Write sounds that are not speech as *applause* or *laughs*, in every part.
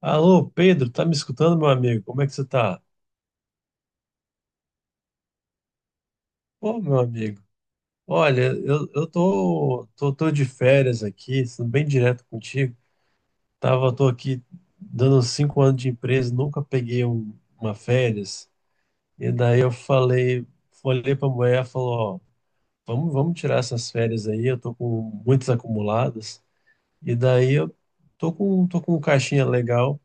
Alô, Pedro, tá me escutando, meu amigo? Como é que você tá? Ô, meu amigo, olha, eu tô de férias aqui, sendo bem direto contigo. Tô aqui dando uns cinco anos de empresa, nunca peguei uma férias. E daí eu falei, olhei pra mulher, ela falou, ó, vamos tirar essas férias aí, eu tô com muitas acumuladas. E daí eu tô com um caixinha legal.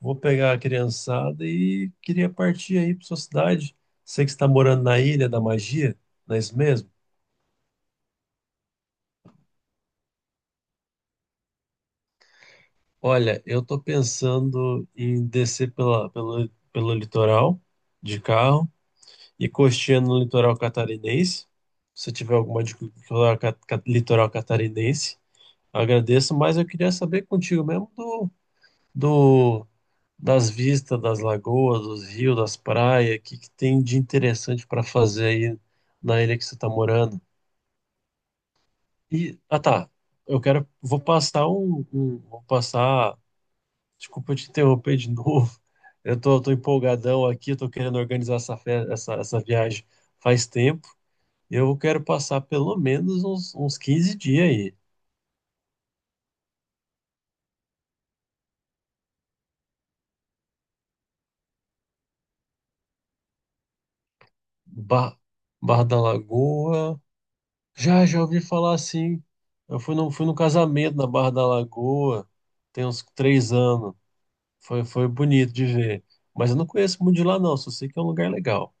Vou pegar a criançada e queria partir aí para sua cidade. Sei que você está morando na Ilha da Magia, não é isso mesmo? Olha, eu tô pensando em descer pelo litoral de carro e costeando no litoral catarinense. Se tiver alguma dica do litoral litoral catarinense, agradeço, mas eu queria saber contigo mesmo do das vistas das lagoas, dos rios, das praias, o que, que tem de interessante para fazer aí na ilha que você está morando. E, ah tá, eu quero, vou passar, desculpa te interromper de *laughs* novo, eu tô empolgadão aqui, tô querendo organizar essa viagem faz tempo, eu quero passar pelo menos uns 15 dias aí. Bar, Bar da Lagoa, já, já ouvi falar assim. Eu fui fui num casamento na Barra da Lagoa, tem uns três anos. Foi, foi bonito de ver. Mas eu não conheço muito de lá, não, só sei que é um lugar legal.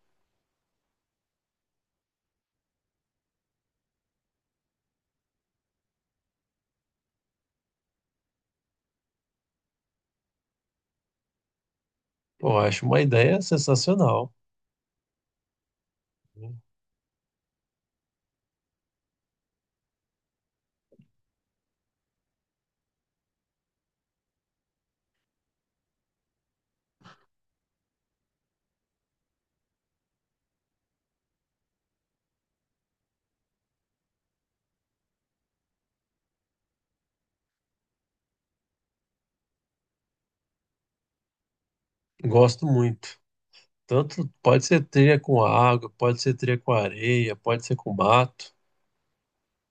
Pô, eu acho uma ideia sensacional. Gosto muito. Tanto pode ser trilha com água, pode ser trilha com areia, pode ser com mato.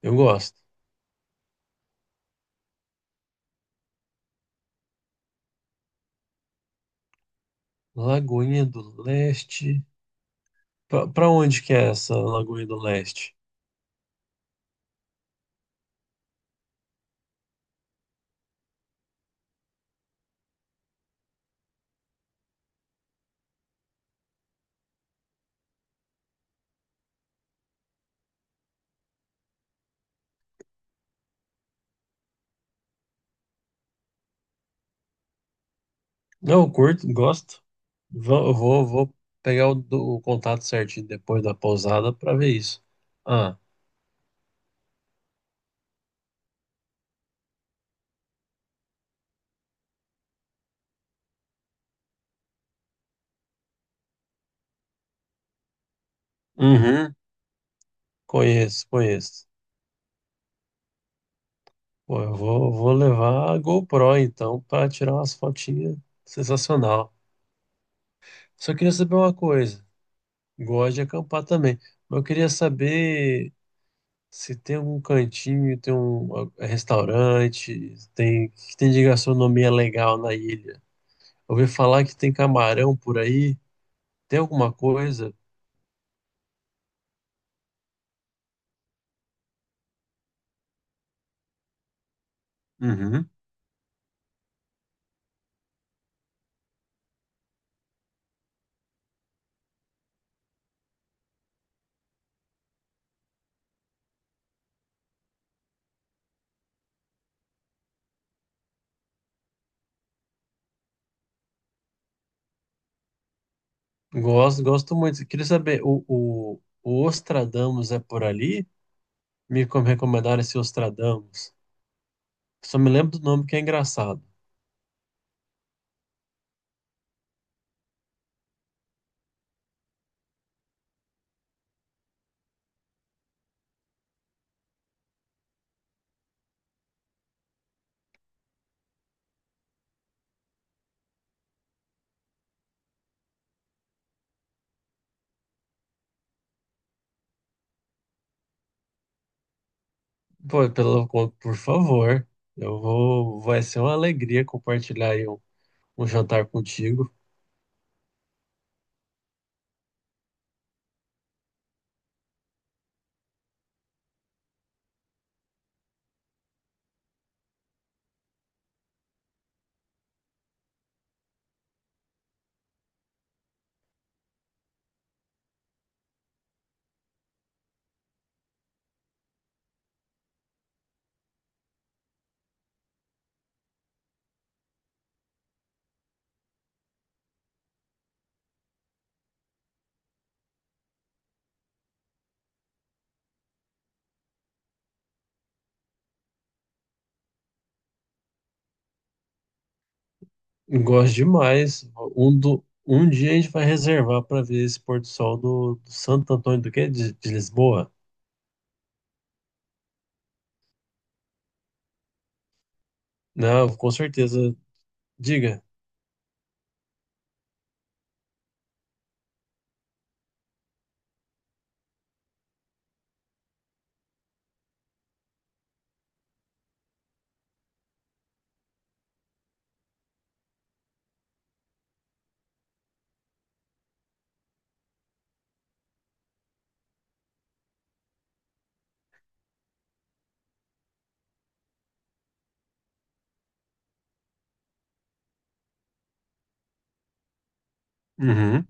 Eu gosto. Lagoinha do Leste. Pra onde que é essa Lagoinha do Leste? Não, eu curto, gosto. Eu vou pegar o contato certinho depois da pousada para ver isso. Ah, uhum, conheço, conheço. Pô, eu vou levar a GoPro então para tirar umas fotinhas sensacional. Só queria saber uma coisa. Gosto de acampar também, mas eu queria saber se tem algum cantinho, tem um ah, restaurante, tem que tem de gastronomia legal na ilha. Eu ouvi falar que tem camarão por aí. Tem alguma coisa? Uhum. Gosto, gosto muito. Queria saber, o Ostradamus é por ali? Recomendaram esse Ostradamus. Só me lembro do nome que é engraçado. Pô, pelo, por favor, eu vou, vai ser uma alegria compartilhar aí um jantar contigo. Eu gosto demais. Um dia a gente vai reservar para ver esse pôr do sol do Santo Antônio do quê? De Lisboa? Não, com certeza. Diga. Uhum.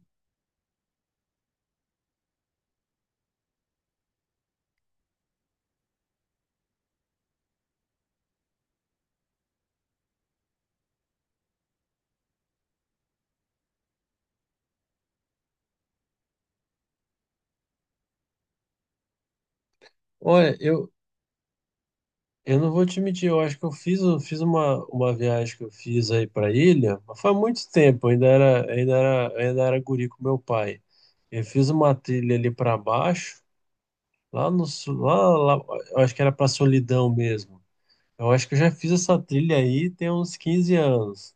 Olha, eu não vou te mentir, eu acho que eu fiz uma viagem que eu fiz aí para ilha, mas faz muito tempo, ainda era guri com meu pai. Eu fiz uma trilha ali para baixo, lá no sul, lá, lá, eu acho que era para Solidão mesmo. Eu acho que eu já fiz essa trilha aí tem uns 15 anos.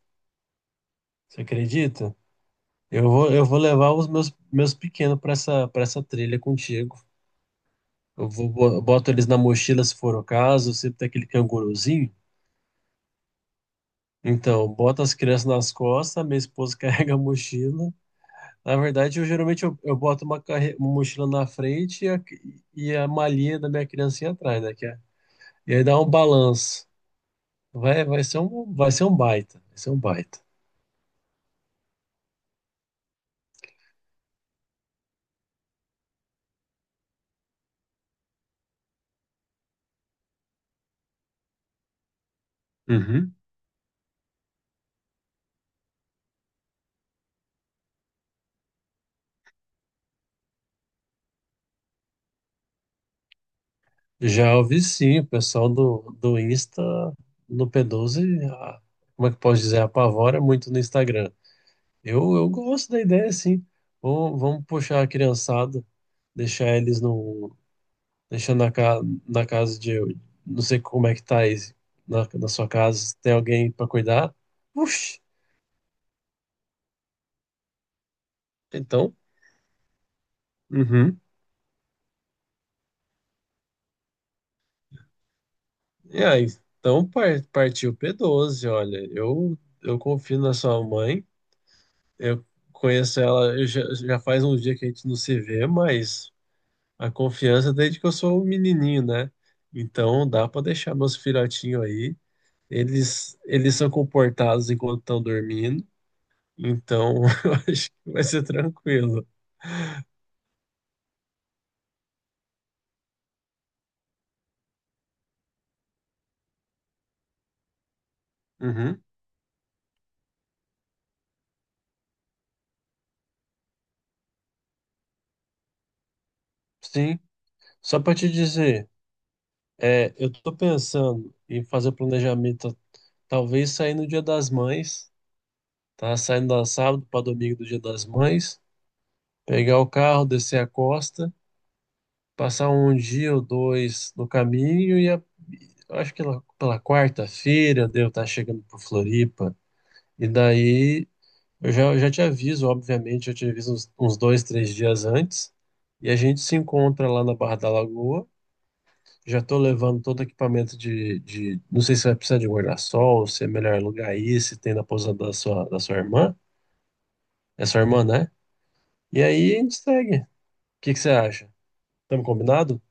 Você acredita? Eu eu vou levar os meus pequenos para para essa trilha contigo. Eu vou, boto eles na mochila se for o caso, sempre tem aquele canguruzinho. Então, boto as crianças nas costas, minha esposa *laughs* carrega a mochila. Na verdade, eu geralmente eu boto uma mochila na frente e e a malinha da minha criancinha atrás, né? E aí dá um balanço. Vai ser um baita. Uhum. Já ouvi sim, o pessoal do Insta, no P12, a- como é que eu posso dizer, apavora muito no Instagram. Eu gosto da ideia, sim. Vamos puxar a criançada, deixar eles no deixando na, ca... na casa de. Não sei como é que tá aí na sua casa. Tem alguém pra cuidar? Puxa, então. Uhum. E aí? Então partiu P12, olha. Eu confio na sua mãe. Eu conheço ela. Eu já faz um dia que a gente não se vê, mas a confiança desde que eu sou um menininho, né? Então dá pra deixar meus filhotinhos aí. Eles são comportados enquanto estão dormindo. Então, *laughs* eu acho que vai ser tranquilo. Uhum, sim. Só para te dizer, é, eu tô pensando em fazer o planejamento, talvez sair no Dia das Mães, tá? Saindo da sábado para domingo do Dia das Mães, pegar o carro, descer a costa, passar um dia ou dois no caminho eu acho que lá pela quarta-feira devo estar chegando por Floripa. E daí eu já te aviso, obviamente, eu te aviso uns dois, três dias antes. E a gente se encontra lá na Barra da Lagoa. Já estou levando todo o equipamento de. Não sei se vai precisar de guarda-sol, se é melhor alugar aí, se tem na pousada da sua irmã. É sua irmã, né? E aí a gente segue. O que que você acha? Estamos combinado?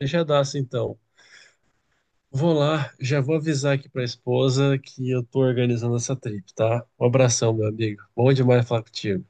Fechadaço, então. Vou lá, já vou avisar aqui para a esposa que eu estou organizando essa trip, tá? Um abração, meu amigo. Bom demais falar contigo.